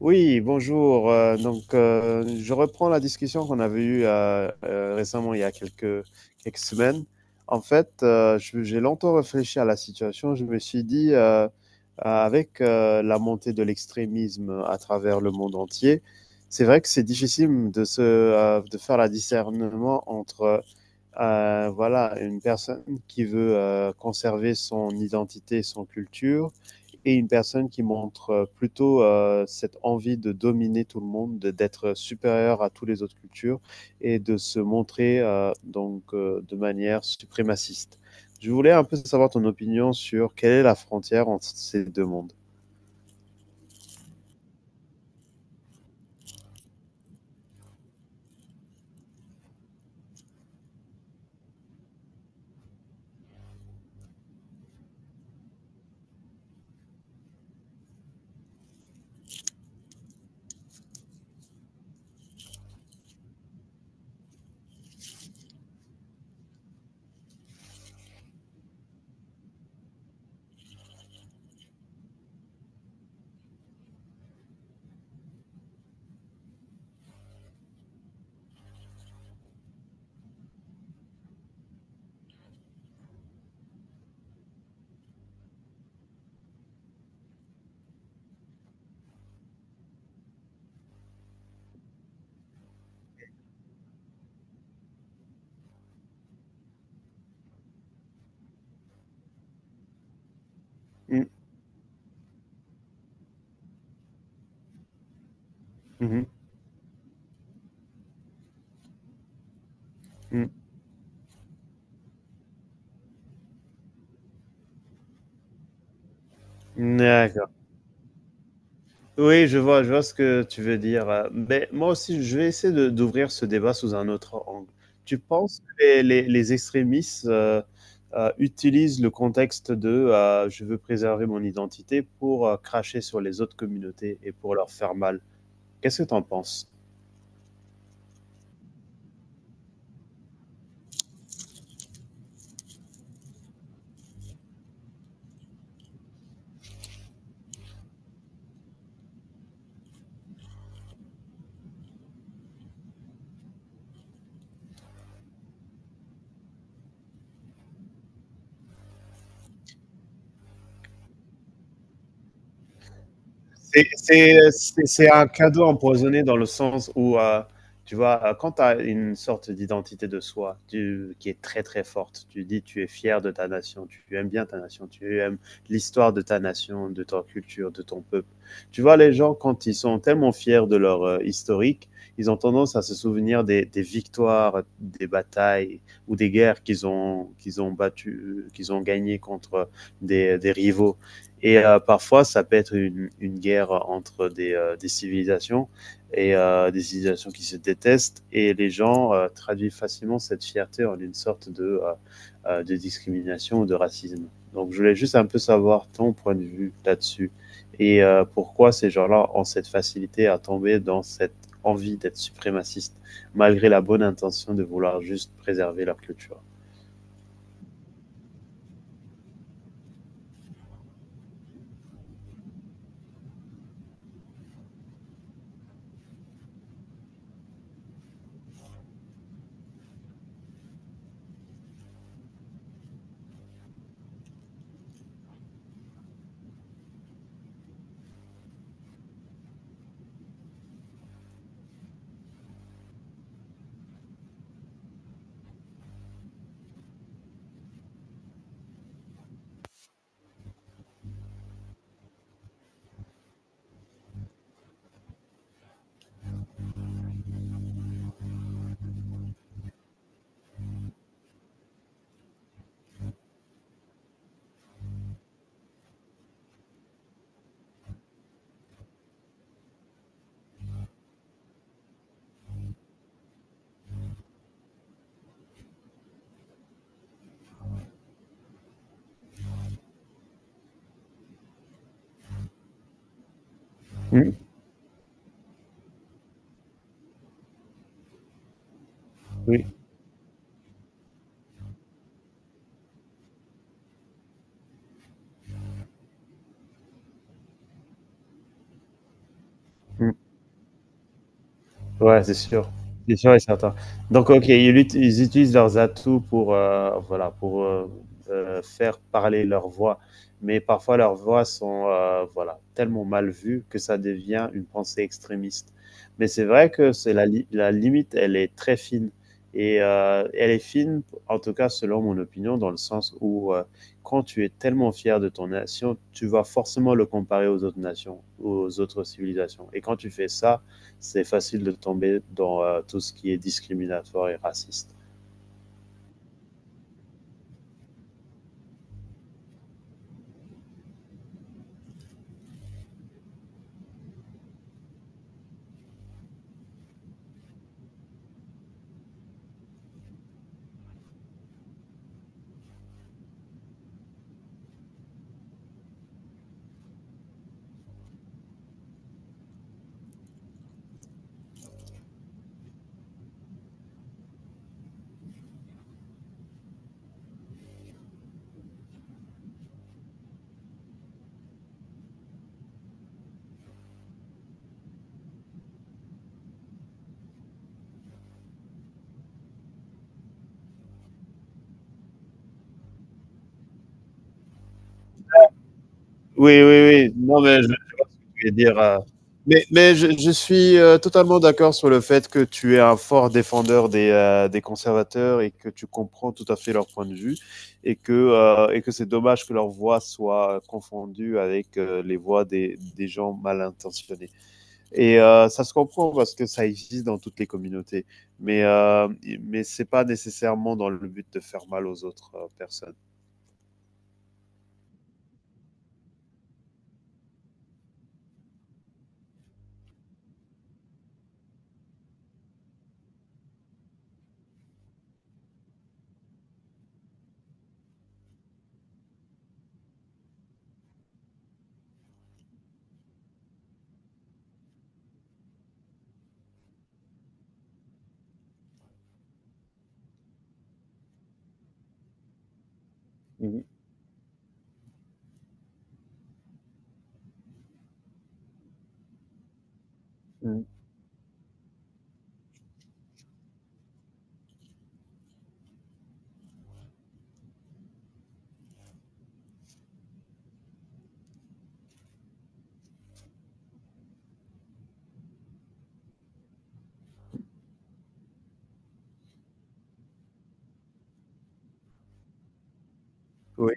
Oui, bonjour. Je reprends la discussion qu'on avait eue récemment, il y a quelques semaines. En fait, j'ai longtemps réfléchi à la situation. Je me suis dit, avec la montée de l'extrémisme à travers le monde entier, c'est vrai que c'est difficile de se, de faire la discernement entre, voilà, une personne qui veut conserver son identité, son culture et une personne qui montre plutôt cette envie de dominer tout le monde, d'être supérieur à toutes les autres cultures et de se montrer de manière suprémaciste. Je voulais un peu savoir ton opinion sur quelle est la frontière entre ces deux mondes. Mmh, mmh, mmh. D'accord. Oui, je vois ce que tu veux dire. Mais moi aussi, je vais essayer d'ouvrir ce débat sous un autre angle. Tu penses que les extrémistes utilisent le contexte de je veux préserver mon identité pour cracher sur les autres communautés et pour leur faire mal? Qu'est-ce que tu en penses? C'est c'est un cadeau empoisonné dans le sens où, tu vois, quand tu as une sorte d'identité de soi qui est très très forte, tu dis tu es fier de ta nation, tu aimes bien ta nation, tu aimes l'histoire de ta nation, de ta culture, de ton peuple. Tu vois, les gens, quand ils sont tellement fiers de leur historique, ils ont tendance à se souvenir des victoires, des batailles ou des guerres qu'ils ont battues, qu'ils ont gagnées contre des rivaux. Et parfois, ça peut être une guerre entre des civilisations et des civilisations qui se détestent. Et les gens traduisent facilement cette fierté en une sorte de discrimination ou de racisme. Donc, je voulais juste un peu savoir ton point de vue là-dessus et pourquoi ces gens-là ont cette facilité à tomber dans cette envie d'être suprémaciste, malgré la bonne intention de vouloir juste préserver leur culture. Mmh, oui. Mmh. Ouais, c'est sûr. C'est sûr et certain. Donc, OK, ils utilisent leurs atouts pour, voilà, pour, faire parler leur voix. Mais parfois leurs voix sont, voilà, tellement mal vues que ça devient une pensée extrémiste. Mais c'est vrai que c'est la limite, elle est très fine et elle est fine, en tout cas selon mon opinion, dans le sens où, quand tu es tellement fier de ton nation, tu vas forcément le comparer aux autres nations, aux autres civilisations et quand tu fais ça, c'est facile de tomber dans tout ce qui est discriminatoire et raciste. Oui, oui, oui. Non, mais je vais dire. Mais, je suis totalement d'accord sur le fait que tu es un fort défendeur des conservateurs et que tu comprends tout à fait leur point de vue et et que c'est dommage que leur voix soit confondue avec les voix des gens mal intentionnés. Et ça se comprend parce que ça existe dans toutes les communautés, mais euh, mais c'est pas nécessairement dans le but de faire mal aux autres personnes. Mmh mh. Oui,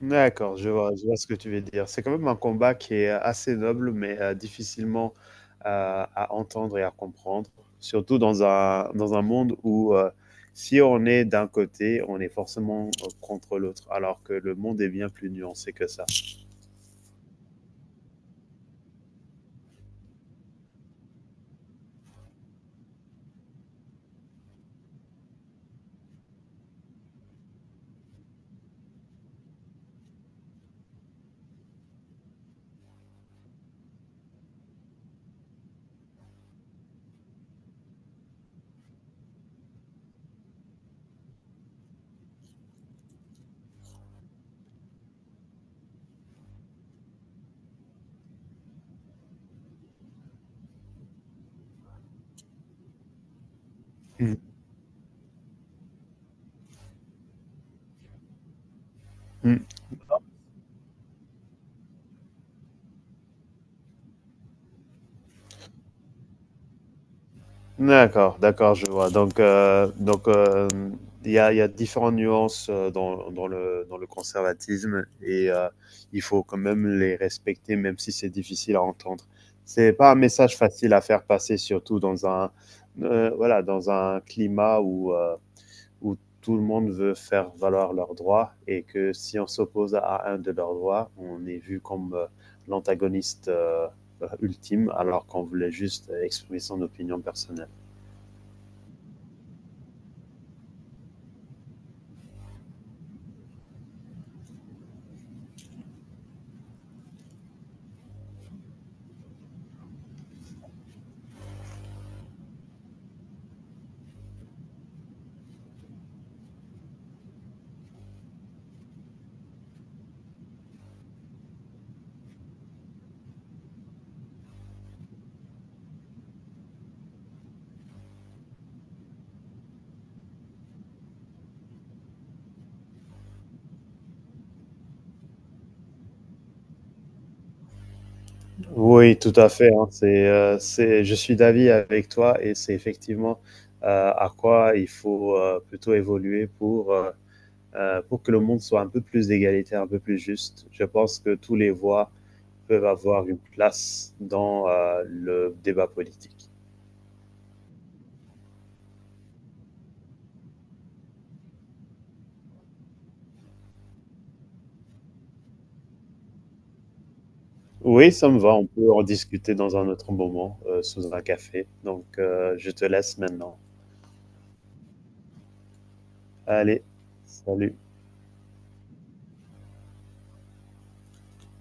d'accord, je vois ce que tu veux dire. C'est quand même un combat qui est assez noble, mais difficilement à entendre et à comprendre, surtout dans un monde où, si on est d'un côté, on est forcément, contre l'autre, alors que le monde est bien plus nuancé que ça. Mmh. D'accord, d'accord, je vois. Donc, il y a différentes nuances dans, dans le conservatisme et il faut quand même les respecter, même si c'est difficile à entendre. C'est pas un message facile à faire passer, surtout dans un, voilà, dans un climat où, où tout le monde veut faire valoir leurs droits et que si on s'oppose à un de leurs droits, on est vu comme l'antagoniste ultime, alors qu'on voulait juste exprimer son opinion personnelle. Oui, tout à fait, hein. C'est je suis d'avis avec toi et c'est effectivement, à quoi il faut, plutôt évoluer pour que le monde soit un peu plus égalitaire, un peu plus juste. Je pense que tous les voix peuvent avoir une place dans, le débat politique. Oui, ça me va, on peut en discuter dans un autre moment, sous un café. Donc, je te laisse maintenant. Allez, salut.